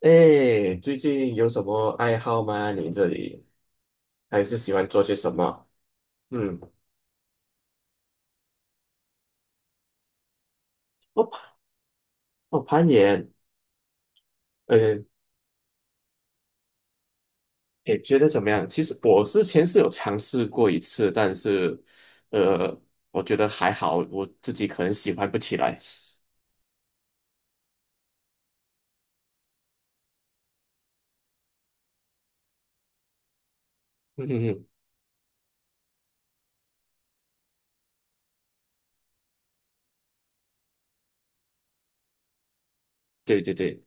哎，最近有什么爱好吗？你这里还是喜欢做些什么？嗯，我攀我攀岩，呃，也觉得怎么样？其实我之前是有尝试过一次，但是，呃，我觉得还好，我自己可能喜欢不起来。嗯哼哼，对对对，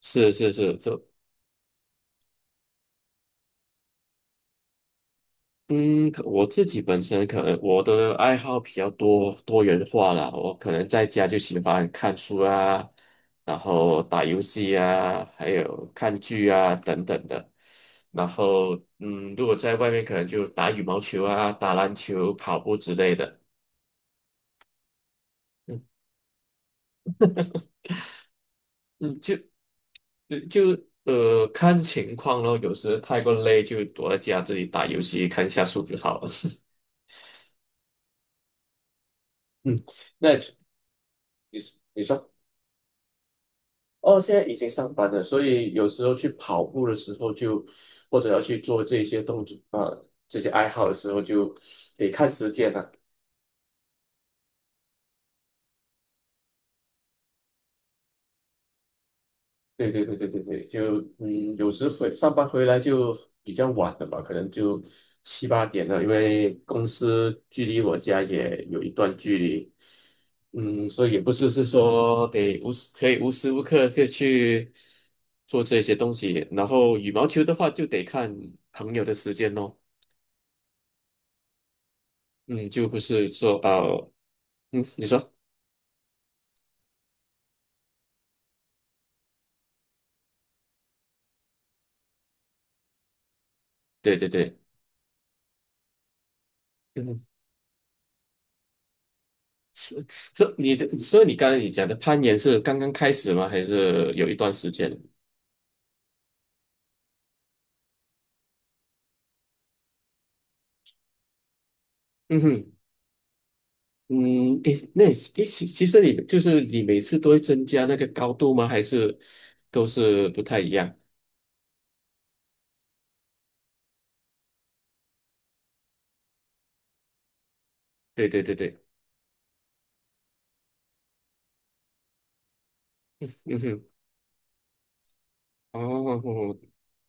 是是是，这嗯，可我自己本身可能我的爱好比较多元化啦，我可能在家就喜欢看书啊，然后打游戏啊，还有看剧啊等等的。然后，嗯，如果在外面可能就打羽毛球啊、打篮球、跑步之类的。嗯嗯，就看情况咯，有时太过累就躲在家这里打游戏看一下书就好了。嗯，那你你说。哦，现在已经上班了，所以有时候去跑步的时候就，或者要去做这些动作啊、这些爱好的时候就得看时间了、对对对对对对，就嗯，有时回上班回来就比较晚了吧，可能就七八点了，因为公司距离我家也有一段距离，嗯，所以也不是说得无时无刻可以去做这些东西，然后羽毛球的话就得看朋友的时间咯。嗯，就不是说嗯，你说，对对对，嗯，是是你的，所以你刚才你讲的攀岩是刚刚开始吗？还是有一段时间？嗯哼，嗯，诶，那诶，其实你就是你每次都会增加那个高度吗？还是都是不太一样？对对对对，嗯哼，哦，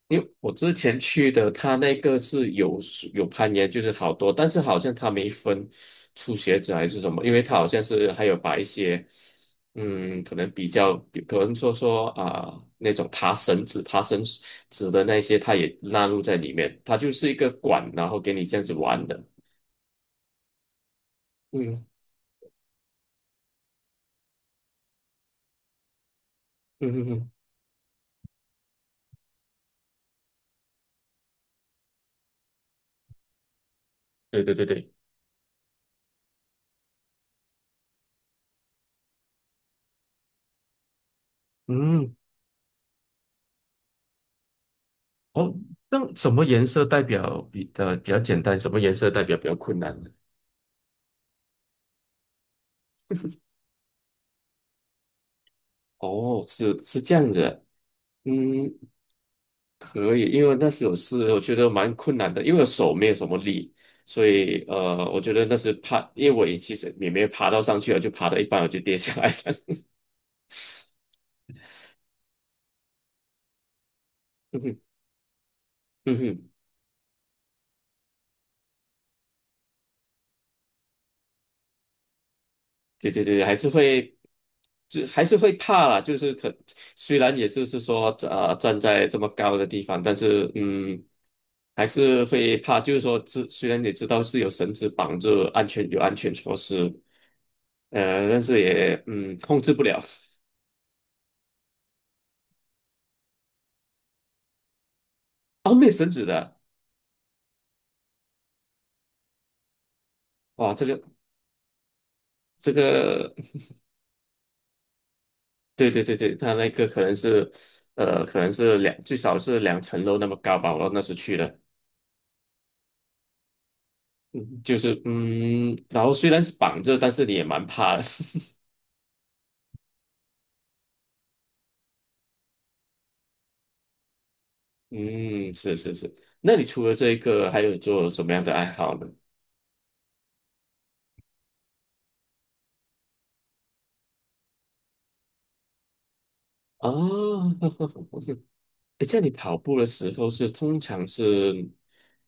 因为我之前去的，他那个是有攀岩，就是好多，但是好像他没分初学者还是什么，因为他好像是还有把一些，嗯，可能比较，可能说说啊、那种爬绳子的那些，他也纳入在里面，它就是一个管，然后给你这样子玩的。嗯嗯嗯嗯，对对对对，嗯，哦，那什么颜色代表比较简单，什么颜色代表比较困难呢？哦，是是这样子的嗯，可以，因为那时有事，我觉得蛮困难的，因为我手没有什么力，所以我觉得那是怕，因为我也其实也没爬到上去了，就爬到一半我就跌下来了。嗯哼，嗯哼，对对对，还是会，就还是会怕啦，就是虽然也是说站在这么高的地方，但是嗯，还是会怕，就是说虽然你知道是有绳子绑住有安全措施，但是也控制不了。哦，没有绳子的。哇，这个，对对对对，它那个可能是，可能是两，最少是两层楼那么高吧。我那时去的，就是然后虽然是绑着，但是你也蛮怕的。嗯，是是是。那你除了这个，还有做什么样的爱好呢？哦，诶这样你跑步的时候通常是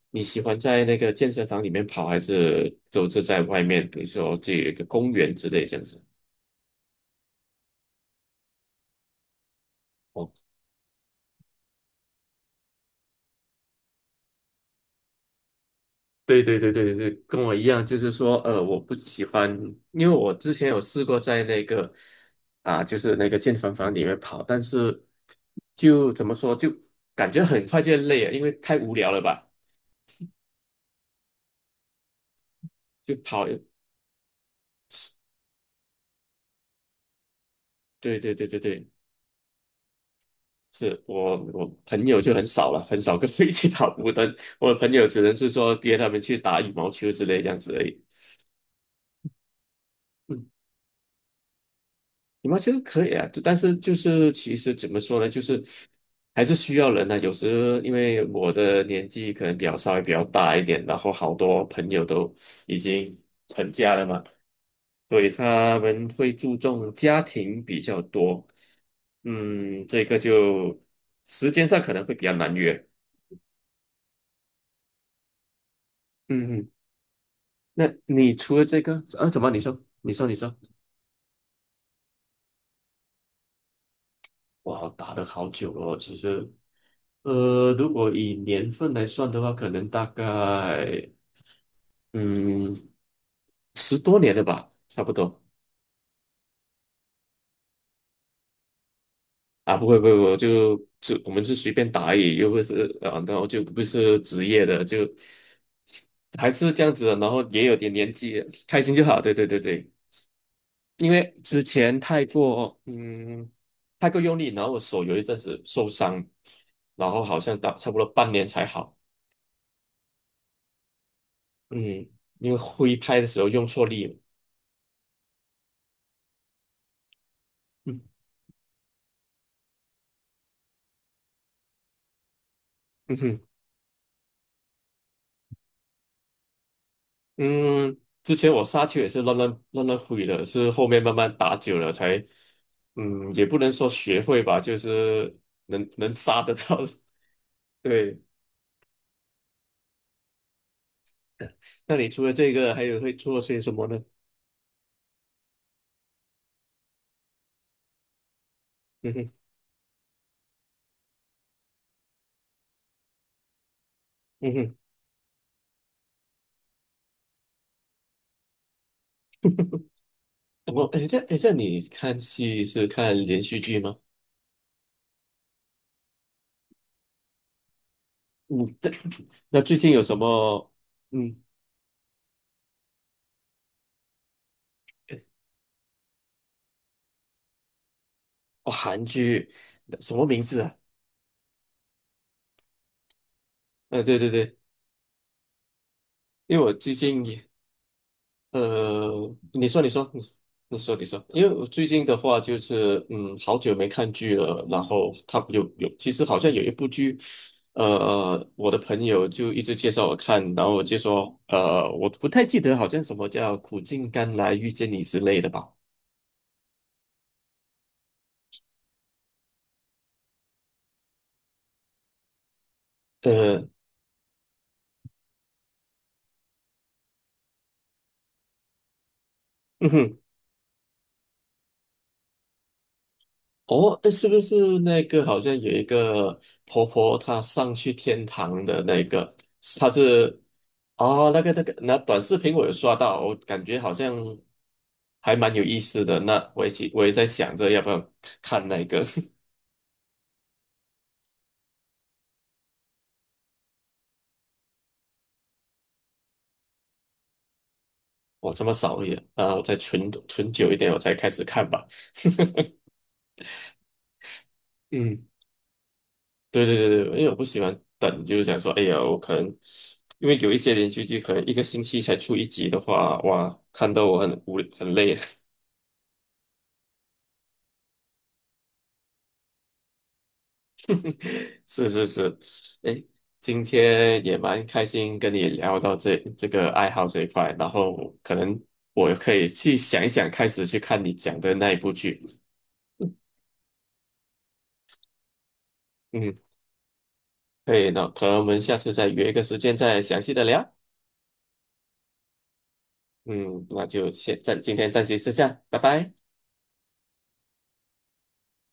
你喜欢在那个健身房里面跑，还是都是在外面，比如说这有一个公园之类这样子？哦。对对对对对，对，跟我一样，就是说，我不喜欢，因为我之前有试过在那个啊，就是那个健身房里面跑，但是就怎么说，就感觉很快就累了，因为太无聊了吧，就跑。对对对对对，是我朋友就很少了，很少跟 我一起跑步的，我的朋友只能是说约他们去打羽毛球之类这样子而已。嗯。羽毛球可以啊，就但是就是其实怎么说呢，就是还是需要人呢、有时因为我的年纪可能稍微比较大一点，然后好多朋友都已经成家了嘛，所以他们会注重家庭比较多。嗯，这个就时间上可能会比较难约。嗯，嗯，那你除了这个，啊，怎么你说？你说，你说。哇，打了好久了哦，其实，如果以年份来算的话，可能大概嗯十多年了吧，差不多啊，不会不会，我就我们是随便打而已，又不是啊，然后就不是职业的，就还是这样子的，然后也有点年纪，开心就好，对对对对，因为之前太过用力，然后我手有一阵子受伤，然后好像打差不多半年才好。嗯，因为挥拍的时候用错力了。嗯嗯哼，嗯，之前我杀球也是乱挥的，是后面慢慢打久了才，嗯，也不能说学会吧，就是能杀得到。对，那你除了这个，还有会做些什么呢？嗯哼嗯哼，我哎，这你看戏是看连续剧吗？嗯，那最近有什么？嗯，哦，韩剧什么名字啊？对对对，因为我最近也。你说，你说，你说，你说，因为我最近的话就是，嗯，好久没看剧了，然后他就有，其实好像有一部剧，我的朋友就一直介绍我看，然后我就说，我不太记得，好像什么叫《苦尽甘来遇见你》之类的吧，呃，嗯哼。哦，诶是不是那个好像有一个婆婆，她上去天堂的那个，她是哦，那个，那短视频我有刷到，我感觉好像还蛮有意思的。那我也在想着要不要看那个，我这么少也啊，我再存存久一点，我才开始看吧。嗯，对对对对，因为我不喜欢等，就是想说，哎呀，我可能因为有一些连续剧可能一个星期才出一集的话，哇，看到我很无很累。是是是，哎，今天也蛮开心跟你聊到这个爱好这一块，然后可能我可以去想一想，开始去看你讲的那一部剧。嗯，可以那可能我们下次再约一个时间再详细的聊。嗯，那就今天暂时是这样，拜拜。